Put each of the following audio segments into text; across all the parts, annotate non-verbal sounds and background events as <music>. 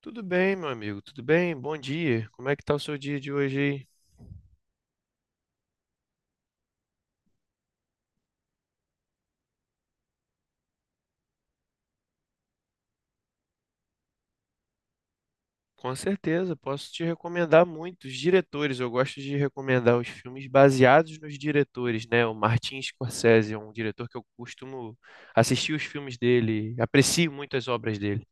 Tudo bem, meu amigo, tudo bem? Bom dia. Como é que tá o seu dia de hoje aí? Com certeza, posso te recomendar muitos diretores. Eu gosto de recomendar os filmes baseados nos diretores, né? O Martin Scorsese é um diretor que eu costumo assistir os filmes dele, aprecio muito as obras dele.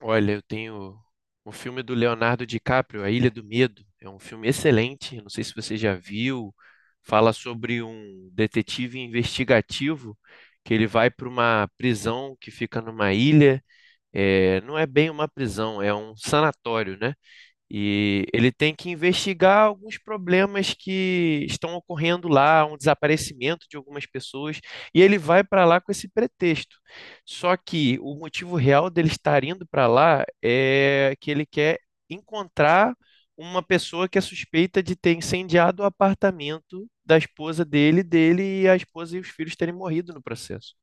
Olha, eu tenho o filme do Leonardo DiCaprio, A Ilha do Medo. É um filme excelente, não sei se você já viu. Fala sobre um detetive investigativo que ele vai para uma prisão que fica numa ilha. É, não é bem uma prisão, é um sanatório, né? E ele tem que investigar alguns problemas que estão ocorrendo lá, um desaparecimento de algumas pessoas, e ele vai para lá com esse pretexto. Só que o motivo real dele estar indo para lá é que ele quer encontrar uma pessoa que é suspeita de ter incendiado o apartamento da esposa dele, dele e a esposa e os filhos terem morrido no processo.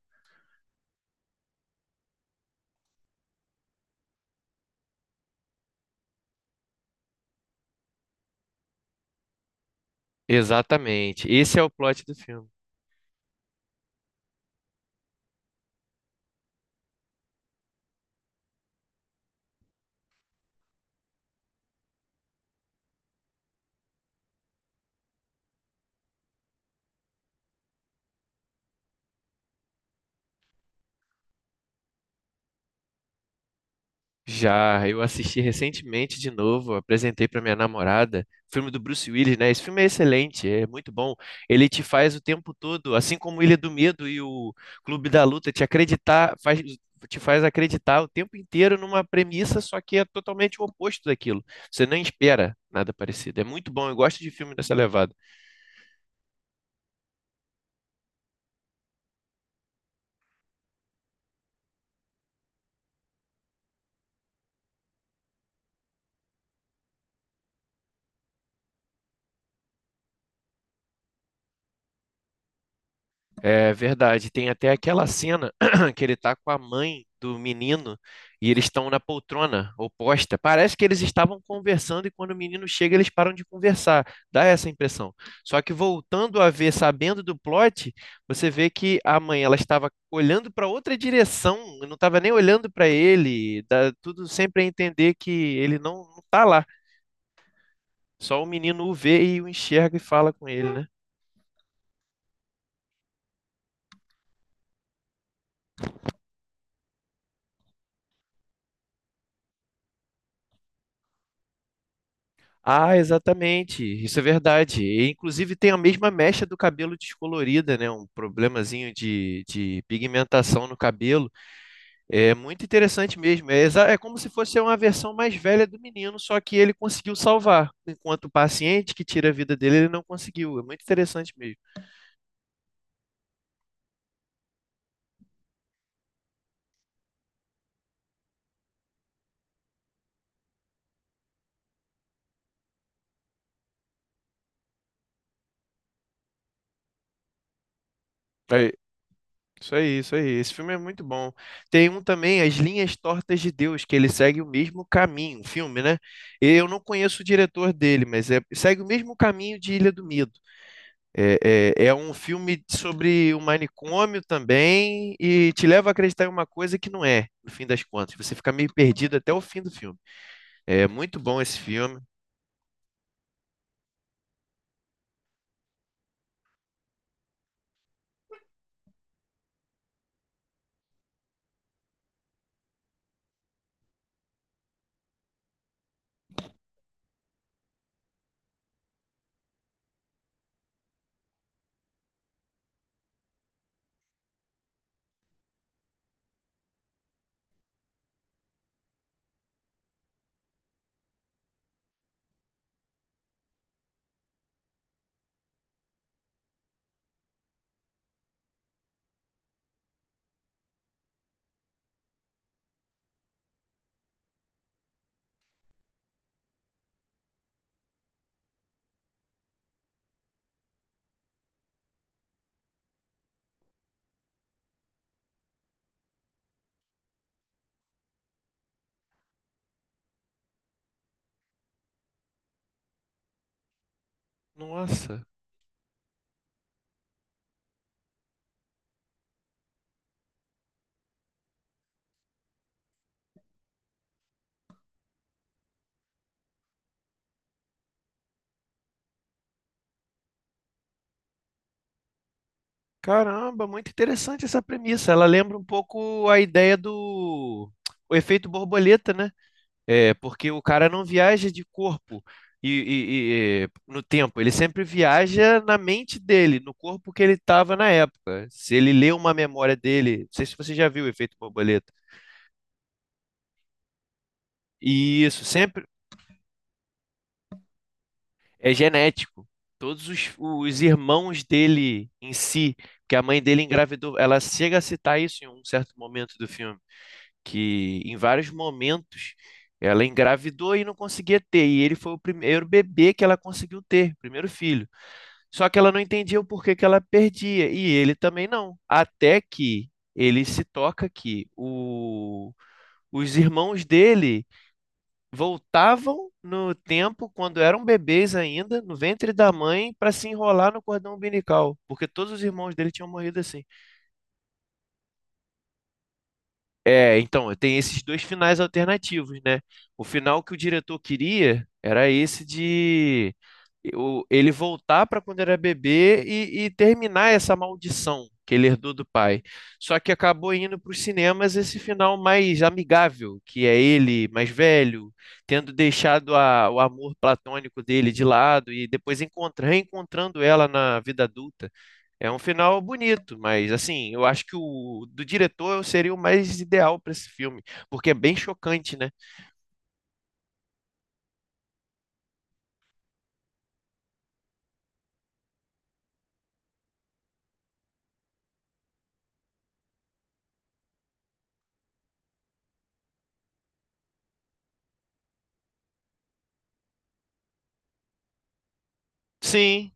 Exatamente. Esse é o plot do filme. Já, eu assisti recentemente de novo, apresentei para minha namorada, o filme do Bruce Willis, né? Esse filme é excelente, é muito bom. Ele te faz o tempo todo, assim como Ilha do Medo e o Clube da Luta, te acreditar, faz, te faz acreditar o tempo inteiro numa premissa, só que é totalmente o oposto daquilo. Você nem espera nada parecido. É muito bom, eu gosto de filme dessa levada. É verdade. Tem até aquela cena <clears throat> que ele tá com a mãe do menino e eles estão na poltrona oposta. Parece que eles estavam conversando e quando o menino chega eles param de conversar. Dá essa impressão. Só que voltando a ver, sabendo do plot, você vê que a mãe ela estava olhando para outra direção, não estava nem olhando para ele. Dá tudo sempre a entender que ele não tá lá. Só o menino o vê e o enxerga e fala com ele, né? Ah, exatamente. Isso é verdade. E, inclusive tem a mesma mecha do cabelo descolorida, né? Um problemazinho de pigmentação no cabelo. É muito interessante mesmo. É, é como se fosse uma versão mais velha do menino, só que ele conseguiu salvar. Enquanto o paciente que tira a vida dele, ele não conseguiu. É muito interessante mesmo. É, isso aí, isso aí. Esse filme é muito bom. Tem um também, As Linhas Tortas de Deus, que ele segue o mesmo caminho, um filme, né? Eu não conheço o diretor dele, segue o mesmo caminho de Ilha do Medo. É um filme sobre um manicômio também e te leva a acreditar em uma coisa que não é, no fim das contas. Você fica meio perdido até o fim do filme. É muito bom esse filme. Nossa, caramba, muito interessante essa premissa. Ela lembra um pouco a ideia do o efeito borboleta, né? É, porque o cara não viaja de corpo e no tempo, ele sempre viaja na mente dele, no corpo que ele estava na época. Se ele lê uma memória dele, não sei se você já viu o efeito borboleta. E isso sempre é genético. Todos os irmãos dele em si, que a mãe dele engravidou, ela chega a citar isso em um certo momento do filme, que em vários momentos ela engravidou e não conseguia ter, e ele foi o primeiro bebê que ela conseguiu ter, primeiro filho. Só que ela não entendia o porquê que ela perdia, e ele também não. Até que ele se toca que os irmãos dele voltavam no tempo, quando eram bebês ainda, no ventre da mãe, para se enrolar no cordão umbilical, porque todos os irmãos dele tinham morrido assim. É, então, tem esses dois finais alternativos, né? O final que o diretor queria era esse de ele voltar para quando era bebê e terminar essa maldição que ele herdou do pai. Só que acabou indo para os cinemas esse final mais amigável, que é ele mais velho, tendo deixado o amor platônico dele de lado e depois reencontrando ela na vida adulta. É um final bonito, mas assim, eu acho que o do diretor seria o mais ideal para esse filme, porque é bem chocante, né? Sim,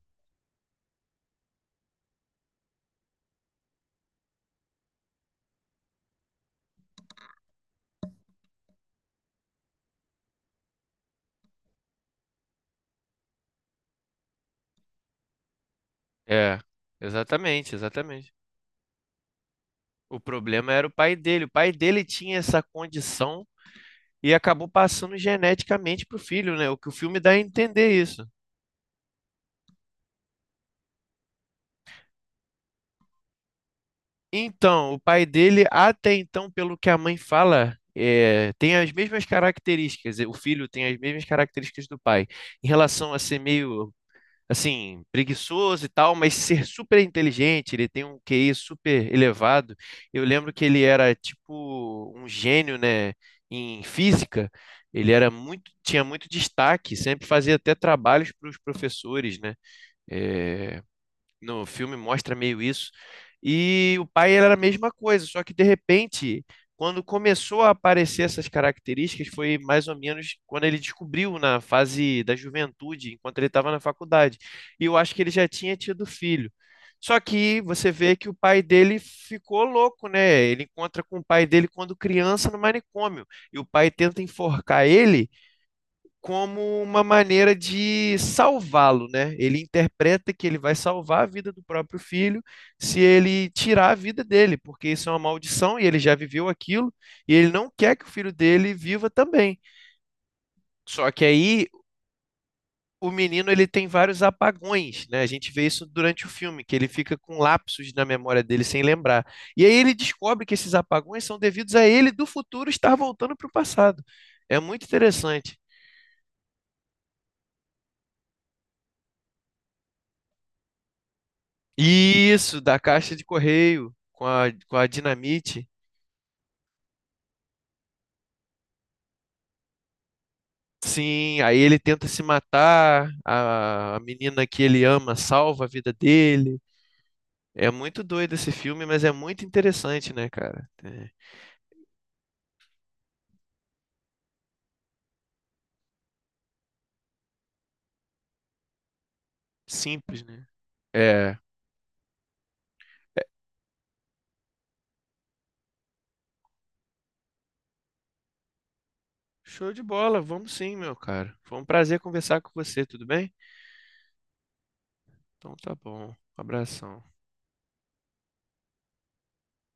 é, exatamente, exatamente. O problema era o pai dele. O pai dele tinha essa condição e acabou passando geneticamente pro filho, né? O que o filme dá a entender isso. Então, o pai dele, até então, pelo que a mãe fala, é, tem as mesmas características. O filho tem as mesmas características do pai, em relação a ser meio assim, preguiçoso e tal, mas ser super inteligente, ele tem um QI super elevado. Eu lembro que ele era tipo um gênio, né, em física. Ele era muito, tinha muito destaque, sempre fazia até trabalhos para os professores, né? Eh, no filme mostra meio isso. E o pai era a mesma coisa, só que de repente, quando começou a aparecer essas características, foi mais ou menos quando ele descobriu na fase da juventude, enquanto ele estava na faculdade. E eu acho que ele já tinha tido filho. Só que você vê que o pai dele ficou louco, né? Ele encontra com o pai dele quando criança no manicômio. E o pai tenta enforcar ele como uma maneira de salvá-lo, né? Ele interpreta que ele vai salvar a vida do próprio filho se ele tirar a vida dele, porque isso é uma maldição e ele já viveu aquilo e ele não quer que o filho dele viva também. Só que aí o menino ele tem vários apagões, né? A gente vê isso durante o filme, que ele fica com lapsos na memória dele sem lembrar. E aí ele descobre que esses apagões são devidos a ele do futuro estar voltando para o passado. É muito interessante. Isso, da caixa de correio com a dinamite. Sim, aí ele tenta se matar, a menina que ele ama salva a vida dele. É muito doido esse filme, mas é muito interessante, né, cara? É simples, né? É. Show de bola, vamos sim, meu cara. Foi um prazer conversar com você, tudo bem? Então tá bom. Um abração.